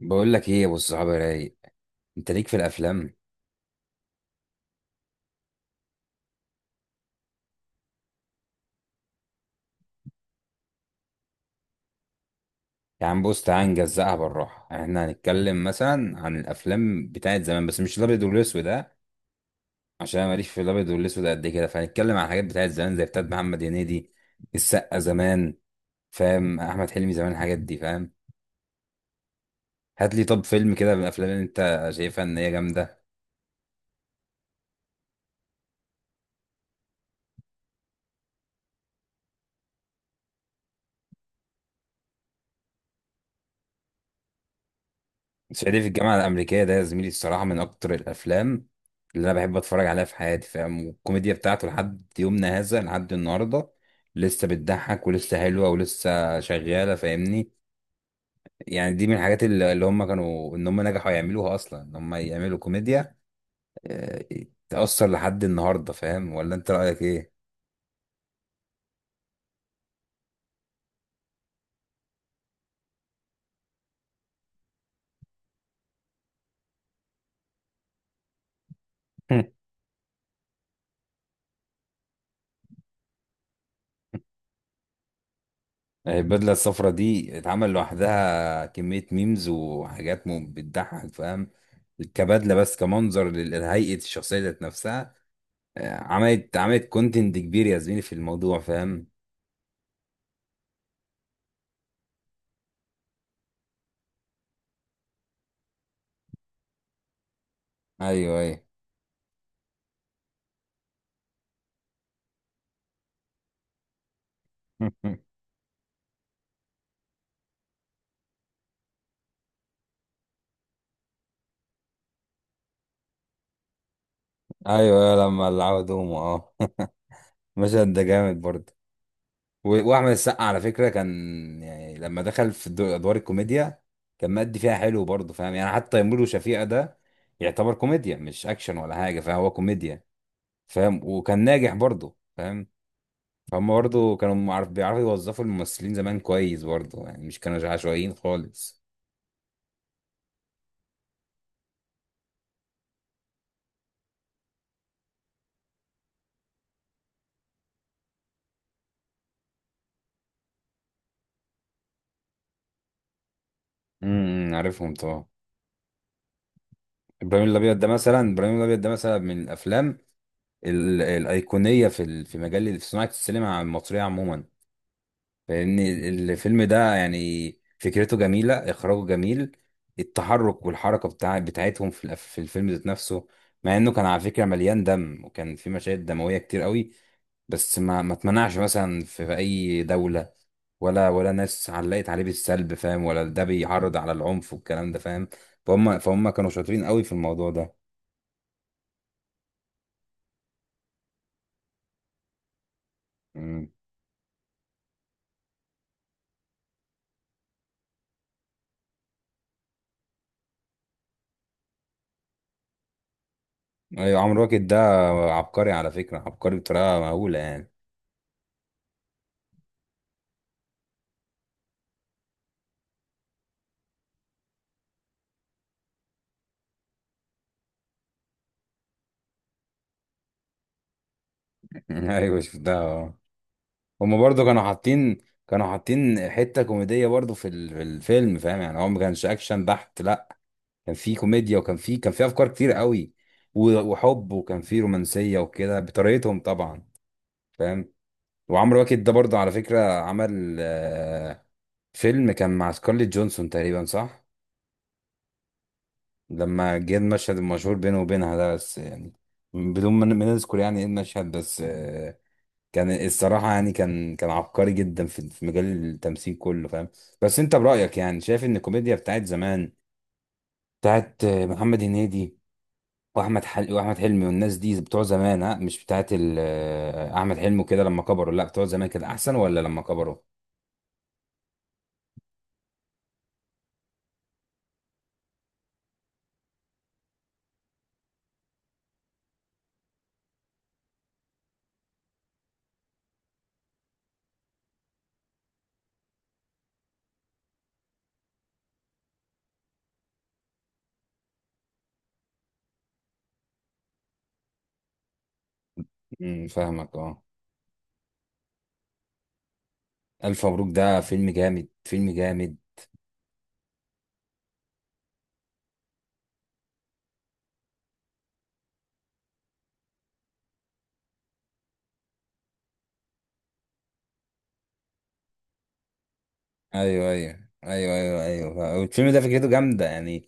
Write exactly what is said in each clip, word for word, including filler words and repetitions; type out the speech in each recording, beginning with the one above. بقول لك ايه يا ابو الصحاب يا رايق، انت ليك في الافلام. يا عم بص تعال نجزقها بالراحه، احنا هنتكلم مثلا عن الافلام بتاعت زمان بس مش الابيض والاسود ده، عشان أنا ماليش في الابيض والاسود قد كده. فهنتكلم عن الحاجات بتاعت زمان زي بتاعت محمد هنيدي، السقا زمان، فاهم؟ احمد حلمي زمان، الحاجات دي، فاهم؟ هات لي طب فيلم كده من الافلام اللي انت شايفها ان هي جامده. صعيدي في الجامعة الأمريكية ده يا زميلي الصراحة من أكتر الأفلام اللي أنا بحب أتفرج عليها في حياتي، فاهم؟ والكوميديا بتاعته لحد يومنا هذا، لحد النهاردة لسه بتضحك ولسه حلوة ولسه شغالة، فاهمني؟ يعني دي من الحاجات اللي اللي هم كانوا، إن هم نجحوا يعملوها أصلا، إن هم يعملوا كوميديا. آه، تأثر لحد النهاردة، فاهم؟ ولا أنت رأيك إيه؟ البدلة الصفراء دي اتعمل لوحدها كمية ميمز وحاجات، مم- بتضحك، فاهم؟ كبدلة بس كمنظر لل- لهيئة الشخصية ذات نفسها. آه، عملت عملت كونتنت كبير يا زميلي في الموضوع، فاهم؟ ايوه ايوه. ايوه لما العبوا دومو، اه. المشهد ده جامد برضه. و- واحمد السقا على فكرة كان، يعني لما دخل في الدو- ادوار الكوميديا كان مادي فيها حلو برضه، فاهم؟ يعني حتى تيمور وشفيقة ده يعتبر كوميديا مش اكشن ولا حاجة، فهو كوميديا، فاهم؟ وكان ناجح برضه، فاهم؟ فهم برضه كانوا معرف بيعرفوا يوظفوا الممثلين زمان كويس برضه، يعني مش كانوا عشوائيين خالص. امم، عارفهم طبعا. ابراهيم الابيض ده مثلا، ابراهيم الابيض ده مثلا من الافلام ال- الايقونيه في ال- في مجال في صناعه السينما المصريه عموما. لان الفيلم ده يعني فكرته جميله، اخراجه جميل، التحرك والحركه بتاع بتاعتهم في الأف- في الفيلم ذات نفسه. مع انه كان على فكره مليان دم، وكان في مشاهد دمويه كتير قوي، بس ما ما اتمنعش مثلا في في اي دولة، ولا ولا ناس علقت عليه بالسلب، فاهم؟ ولا ده بيعرض على العنف والكلام ده، فاهم؟ فهم فهم كانوا شاطرين قوي في الموضوع ده. مم. ايوه عمرو واكد ده عبقري على فكرة، عبقري بطريقة مهولة يعني. ايوه شفتها، اه. هم برضه كانوا حاطين، كانوا حاطين حتة كوميدية برضه في ال- في الفيلم، فاهم؟ يعني هو ما كانش اكشن بحت لا، كان في كوميديا، وكان في كان في افكار كتير قوي. و- وحب وكان في رومانسية وكده بطريقتهم طبعا، فاهم؟ وعمرو واكد ده برضه على فكرة عمل آه، فيلم كان مع سكارليت جونسون تقريبا، صح؟ لما جه المشهد المشهور بينه وبينها ده، بس يعني بدون ما ما نذكر يعني ايه المشهد، بس آه، كان الصراحة يعني كان كان عبقري جدا في في مجال التمثيل كله، فاهم؟ بس انت برأيك يعني شايف ان الكوميديا بتاعت زمان، بتاعت آه، محمد هنيدي، واحمد حل... واحمد حلمي والناس دي بتوع زمان، ها، مش بتاعت ال... آه، احمد حلمي وكده لما كبروا، لا بتوع زمان كده احسن ولا لما كبروا؟ امم، فاهمك، اه. ألف مبروك ده فيلم جامد، فيلم جامد. أيوه أيوه أيوه أيوه أيوه الفيلم ده فكرته جامدة، يعني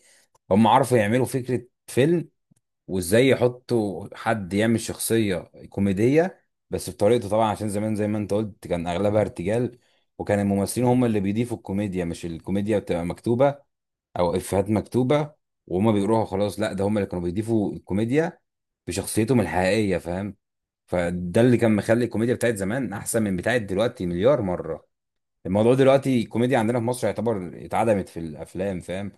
هم عرفوا يعملوا فكرة فيلم، وإزاي يحطوا حد يعمل شخصية كوميدية، بس بطريقته طبعا عشان زمان زي ما أنت قلت كان أغلبها ارتجال، وكان الممثلين هم اللي بيضيفوا الكوميديا، مش الكوميديا بتبقى مكتوبة أو إفيهات مكتوبة وهما بيقروها. خلاص لا، ده هم اللي كانوا بيضيفوا الكوميديا بشخصيتهم الحقيقية، فاهم؟ فده اللي كان مخلي الكوميديا بتاعت زمان أحسن من بتاعت دلوقتي مليار مرة. الموضوع دلوقتي الكوميديا عندنا في مصر يعتبر اتعدمت في الافلام، فاهم؟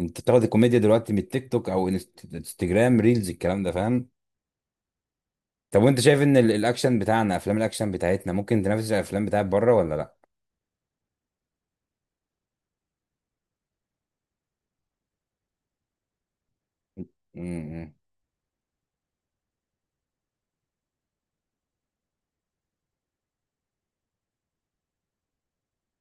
انت بتاخد الكوميديا دلوقتي من التيك توك او الانست- انستجرام ريلز، الكلام ده، فاهم؟ طب وانت شايف ان ال- الاكشن بتاعنا، افلام الاكشن بتاعتنا ممكن تنافس الافلام بتاعت بره ولا لا؟ امم،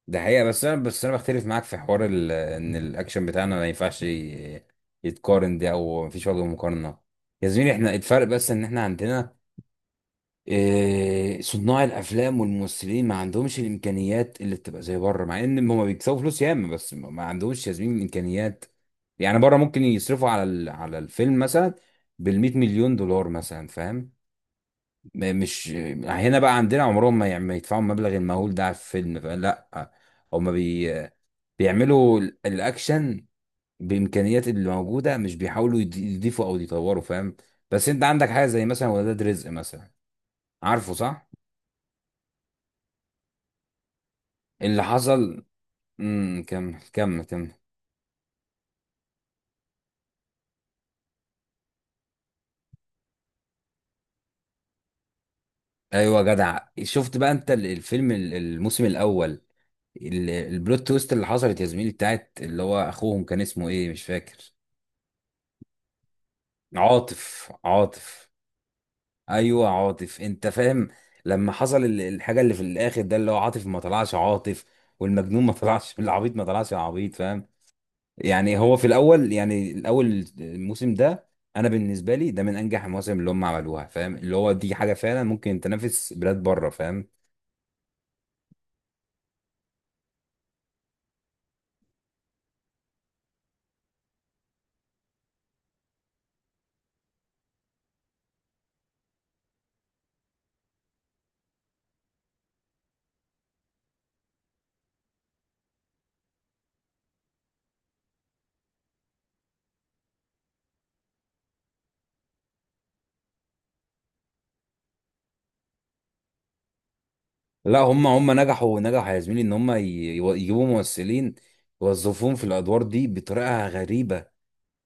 ده حقيقة، بس انا بس انا بختلف معاك في حوار ال- ان الاكشن بتاعنا ما ينفعش ي- يتقارن ده، او مفيش وجه مقارنة. يا زميلي احنا الفرق بس ان احنا عندنا إيه، صناع الافلام والممثلين ما عندهمش الامكانيات اللي بتبقى زي بره، مع ان هم بيكسبوا فلوس ياما، بس ما ما عندهمش يا زميلي الامكانيات. يعني بره ممكن يصرفوا على ال- على الفيلم مثلا بال مئة مليون دولار مثلا، فاهم؟ م- مش هنا بقى عندنا عمرهم ما يع- ما يدفعوا المبلغ المهول ده على الفيلم، فاهم؟ لا، هم بي بيعملوا ال- الاكشن بامكانيات اللي موجوده، مش بيحاولوا يض- يضيفوا او يطوروا، فاهم؟ بس انت عندك حاجه زي مثلا ولاد رزق مثلا، عارفه صح؟ اللي حصل... امم، كمل كمل كمل. ايوه جدع، شفت بقى انت ال- الفيلم ال- الموسم الاول، ال- البلوت تويست اللي حصلت يا زميلي، بتاعت اللي هو اخوهم كان اسمه ايه، مش فاكر. عاطف عاطف. ايوه عاطف، انت فاهم لما حصل ال- الحاجه اللي في الاخر ده، اللي هو عاطف ما طلعش عاطف، والمجنون ما طلعش العبيط، ما طلعش العبيط فاهم يعني هو في الاول، يعني الاول الموسم ده، انا بالنسبه لي ده من انجح المواسم اللي هم عملوها، فاهم؟ اللي هو دي حاجه فعلا ممكن تنافس بلاد بره، فاهم؟ لا، هم هم نجحوا نجحوا يا زميلي ان هم ي- يجيبوا ممثلين يوظفوهم في الادوار دي بطريقه غريبه،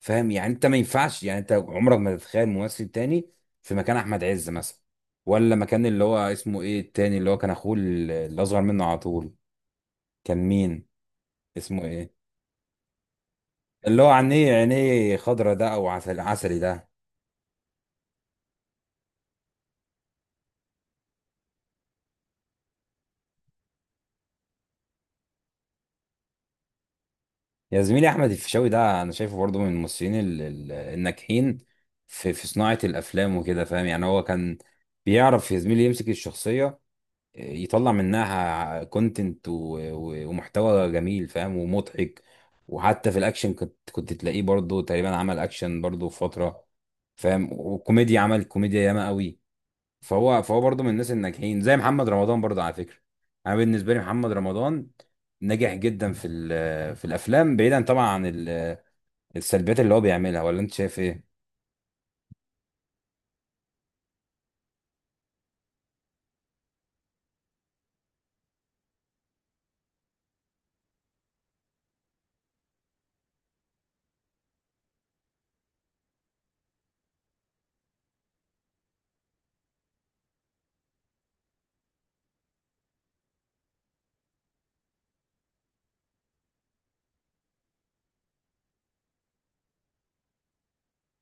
فاهم؟ يعني انت ما ينفعش، يعني انت عمرك ما تتخيل ممثل تاني في مكان احمد عز مثلا، ولا مكان اللي هو اسمه ايه التاني، اللي هو كان اخوه ال- اللي اصغر منه على طول. كان مين؟ اسمه ايه؟ اللي هو عينيه، عينيه خضرة ده، او عسل عسلي ده. يا زميلي احمد الفيشاوي ده، انا شايفه برضه من الممثلين ال- ال- الناجحين في في صناعه الافلام وكده، فاهم؟ يعني هو كان بيعرف يا زميلي يمسك الشخصيه، يطلع منها كونتنت ومحتوى جميل، فاهم؟ ومضحك. وحتى في الاكشن كنت كنت تلاقيه برضه تقريبا عمل اكشن برضه في فتره، فاهم؟ وكوميديا عمل كوميديا ياما قوي. فهو فهو برضه من الناس الناجحين زي محمد رمضان برضه على فكره. انا بالنسبه لي محمد رمضان ناجح جدا في ال- في الافلام، بعيدا طبعا عن ال- السلبيات اللي هو بيعملها. ولا انت شايف ايه؟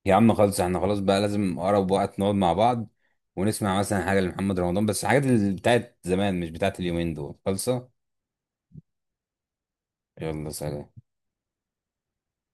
يا عم خالص، احنا خلاص بقى لازم اقرب وقت نقعد مع بعض ونسمع مثلا حاجه لمحمد رمضان، بس حاجات اللي بتاعت زمان، مش بتاعت اليومين دول خالصه. يلا سلام.